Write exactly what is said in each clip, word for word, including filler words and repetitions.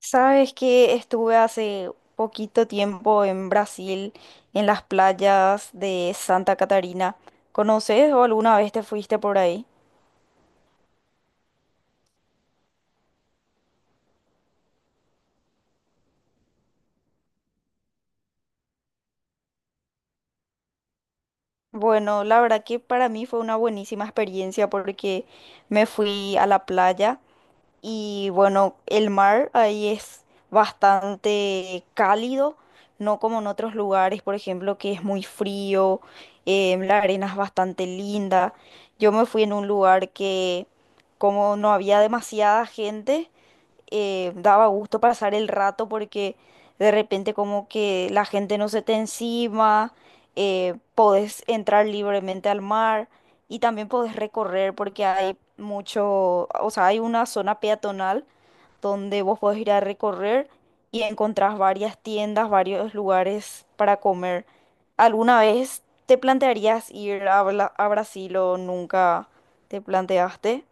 Sabes que estuve hace poquito tiempo en Brasil, en las playas de Santa Catarina. ¿Conoces o alguna vez te fuiste por ahí? Bueno, la verdad que para mí fue una buenísima experiencia porque me fui a la playa. Y bueno, el mar ahí es bastante cálido, no como en otros lugares, por ejemplo, que es muy frío. Em, la arena es bastante linda. Yo me fui en un lugar que como no había demasiada gente, eh, daba gusto pasar el rato porque de repente como que la gente no se te encima. Eh, podés entrar libremente al mar y también podés recorrer porque hay mucho, o sea, hay una zona peatonal donde vos podés ir a recorrer y encontrás varias tiendas, varios lugares para comer. ¿Alguna vez te plantearías ir a, Bla- a Brasil o nunca te planteaste?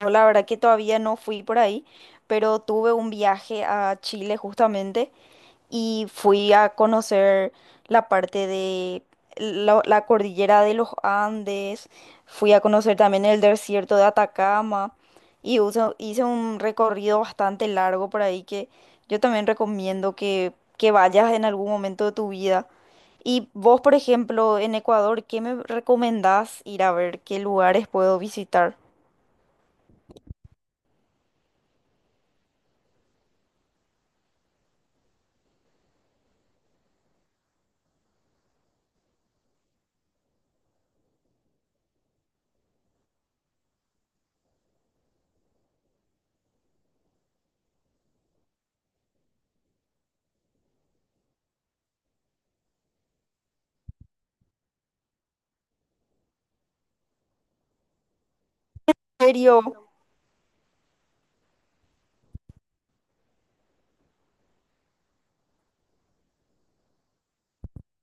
Yo la verdad que todavía no fui por ahí, pero tuve un viaje a Chile justamente y fui a conocer la parte de la, la cordillera de los Andes, fui a conocer también el desierto de Atacama y uso- hice un recorrido bastante largo por ahí que yo también recomiendo que, que vayas en algún momento de tu vida. Y vos, por ejemplo, en Ecuador, ¿qué me recomendás ir a ver? ¿Qué lugares puedo visitar? ¿En serio?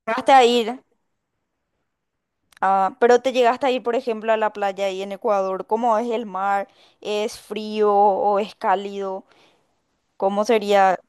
Llegaste a ir, ah, pero te llegaste a ir, por ejemplo, a la playa ahí en Ecuador. ¿Cómo es el mar? ¿Es frío o es cálido? ¿Cómo sería?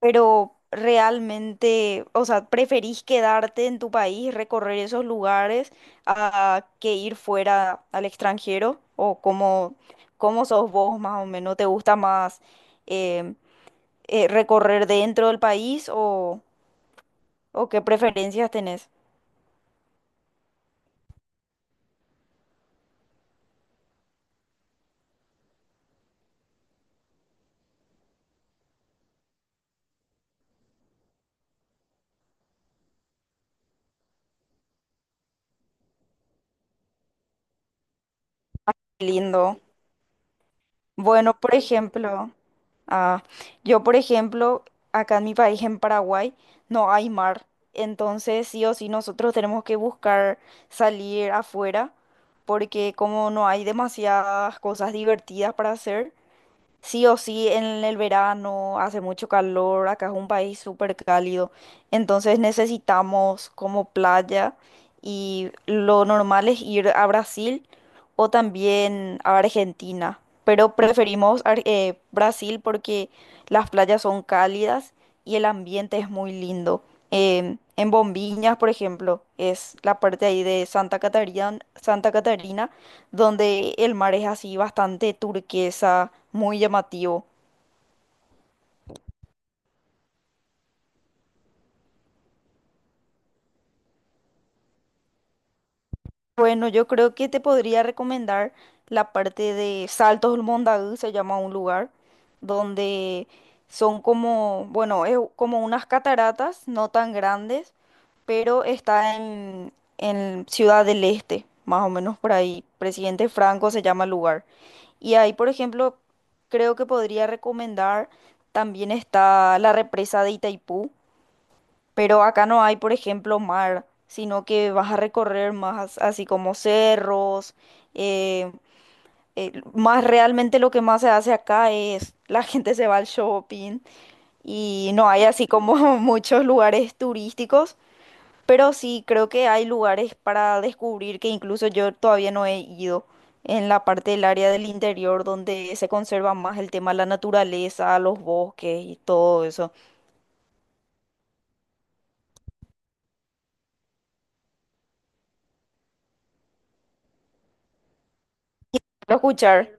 Pero realmente, o sea, ¿preferís quedarte en tu país, recorrer esos lugares, a que ir fuera al extranjero? ¿O cómo, cómo sos vos más o menos? ¿Te gusta más em, eh, recorrer dentro del país o, o qué preferencias tenés? Lindo. Bueno, por ejemplo, ah, yo, por ejemplo, acá en mi país, en Paraguay, no hay mar. Entonces, sí o sí, nosotros tenemos que buscar salir afuera, porque como no hay demasiadas cosas divertidas para hacer, sí o sí, en el verano hace mucho calor, acá es un país súper cálido, entonces necesitamos como playa y lo normal es ir a Brasil o también a Argentina, pero preferimos Ar- eh, Brasil porque las playas son cálidas y el ambiente es muy lindo. Em, en Bombiñas, por ejemplo, es la parte ahí de Santa Catarina, Santa Catarina donde el mar es así bastante turquesa, muy llamativo. Bueno, yo creo que te podría recomendar la parte de Saltos del Mondadú, se llama un lugar, donde son como, bueno, es como unas cataratas, no tan grandes, pero está en, en Ciudad del Este, más o menos por ahí. Presidente Franco se llama el lugar. Y ahí, por ejemplo, creo que podría recomendar, también está la represa de Itaipú. Pero acá no hay, por ejemplo, mar, sino que vas a recorrer más así como cerros. eh, eh, Más realmente lo que más se hace acá es la gente se va al shopping y no hay así como muchos lugares turísticos, pero sí creo que hay lugares para descubrir que incluso yo todavía no he ido en la parte del área del interior donde se conserva más el tema de la naturaleza, los bosques y todo eso. Quiero escuchar.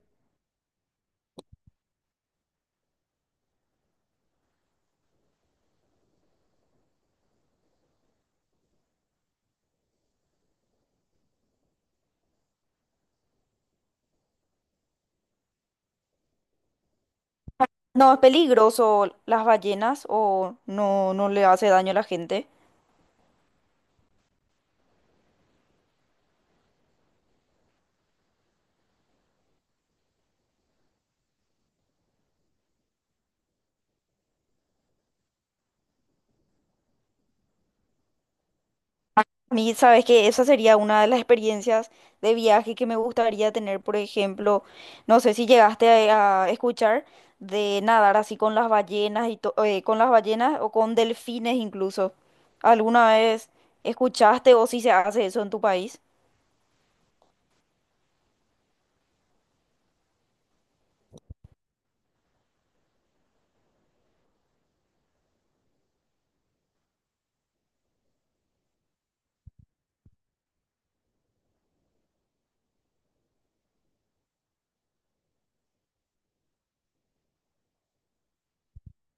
¿No es peligroso las ballenas? O no, no le hace daño a la gente. A mí, sabes que esa sería una de las experiencias de viaje que me gustaría tener, por ejemplo, no sé si llegaste a, a escuchar de nadar así con las ballenas y to- eh, con las ballenas o con delfines incluso. ¿Alguna vez escuchaste o si se hace eso en tu país?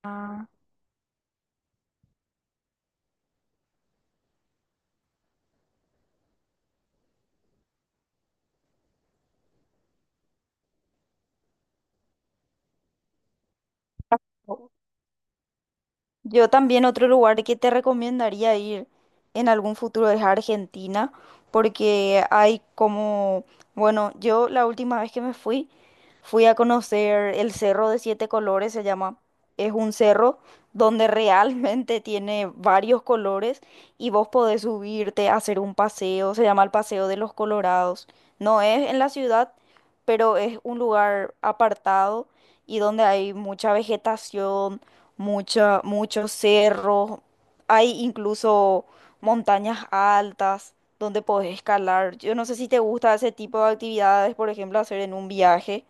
Ah. Yo también otro lugar que te recomendaría ir en algún futuro es Argentina, porque hay como, bueno, yo la última vez que me fui, fui a conocer el Cerro de Siete Colores, se llama. Es un cerro donde realmente tiene varios colores y vos podés subirte a hacer un paseo, se llama el Paseo de los Colorados. No es en la ciudad, pero es un lugar apartado y donde hay mucha vegetación, mucha, muchos cerros, hay incluso montañas altas donde podés escalar. Yo no sé si te gusta ese tipo de actividades, por ejemplo, hacer en un viaje,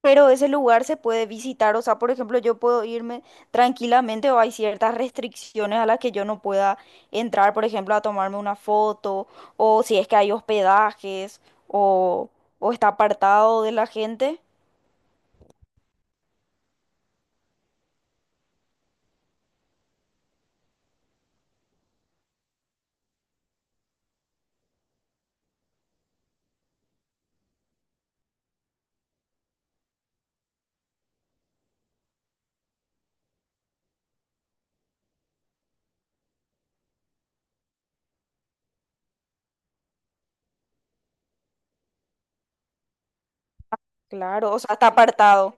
pero ese lugar se puede visitar, o sea, por ejemplo, ¿yo puedo irme tranquilamente o hay ciertas restricciones a las que yo no pueda entrar, por ejemplo, a tomarme una foto, o si es que hay hospedajes o, o está apartado de la gente? Claro, o sea, está apartado.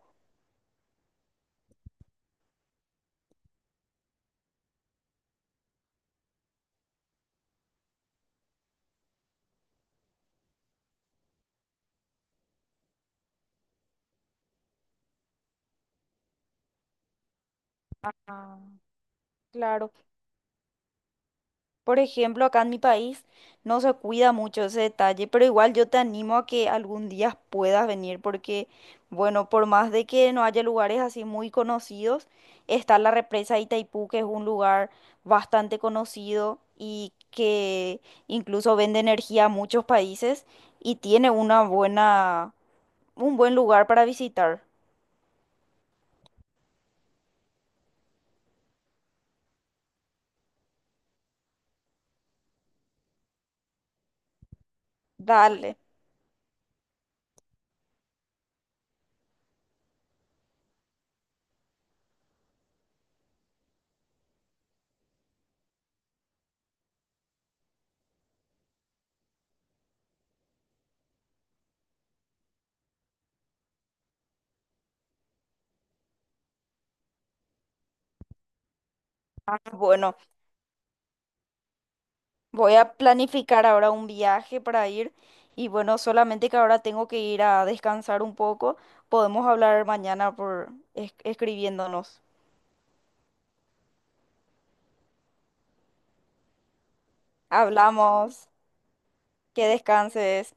Ah, claro. Por ejemplo, acá en mi país no se cuida mucho ese detalle, pero igual yo te animo a que algún día puedas venir porque, bueno, por más de que no haya lugares así muy conocidos, está la represa de Itaipú, que es un lugar bastante conocido y que incluso vende energía a muchos países y tiene una buena, un buen lugar para visitar. Dale. Bueno. Voy a planificar ahora un viaje para ir y bueno, solamente que ahora tengo que ir a descansar un poco. Podemos hablar mañana por es- escribiéndonos. Hablamos. Que descanses.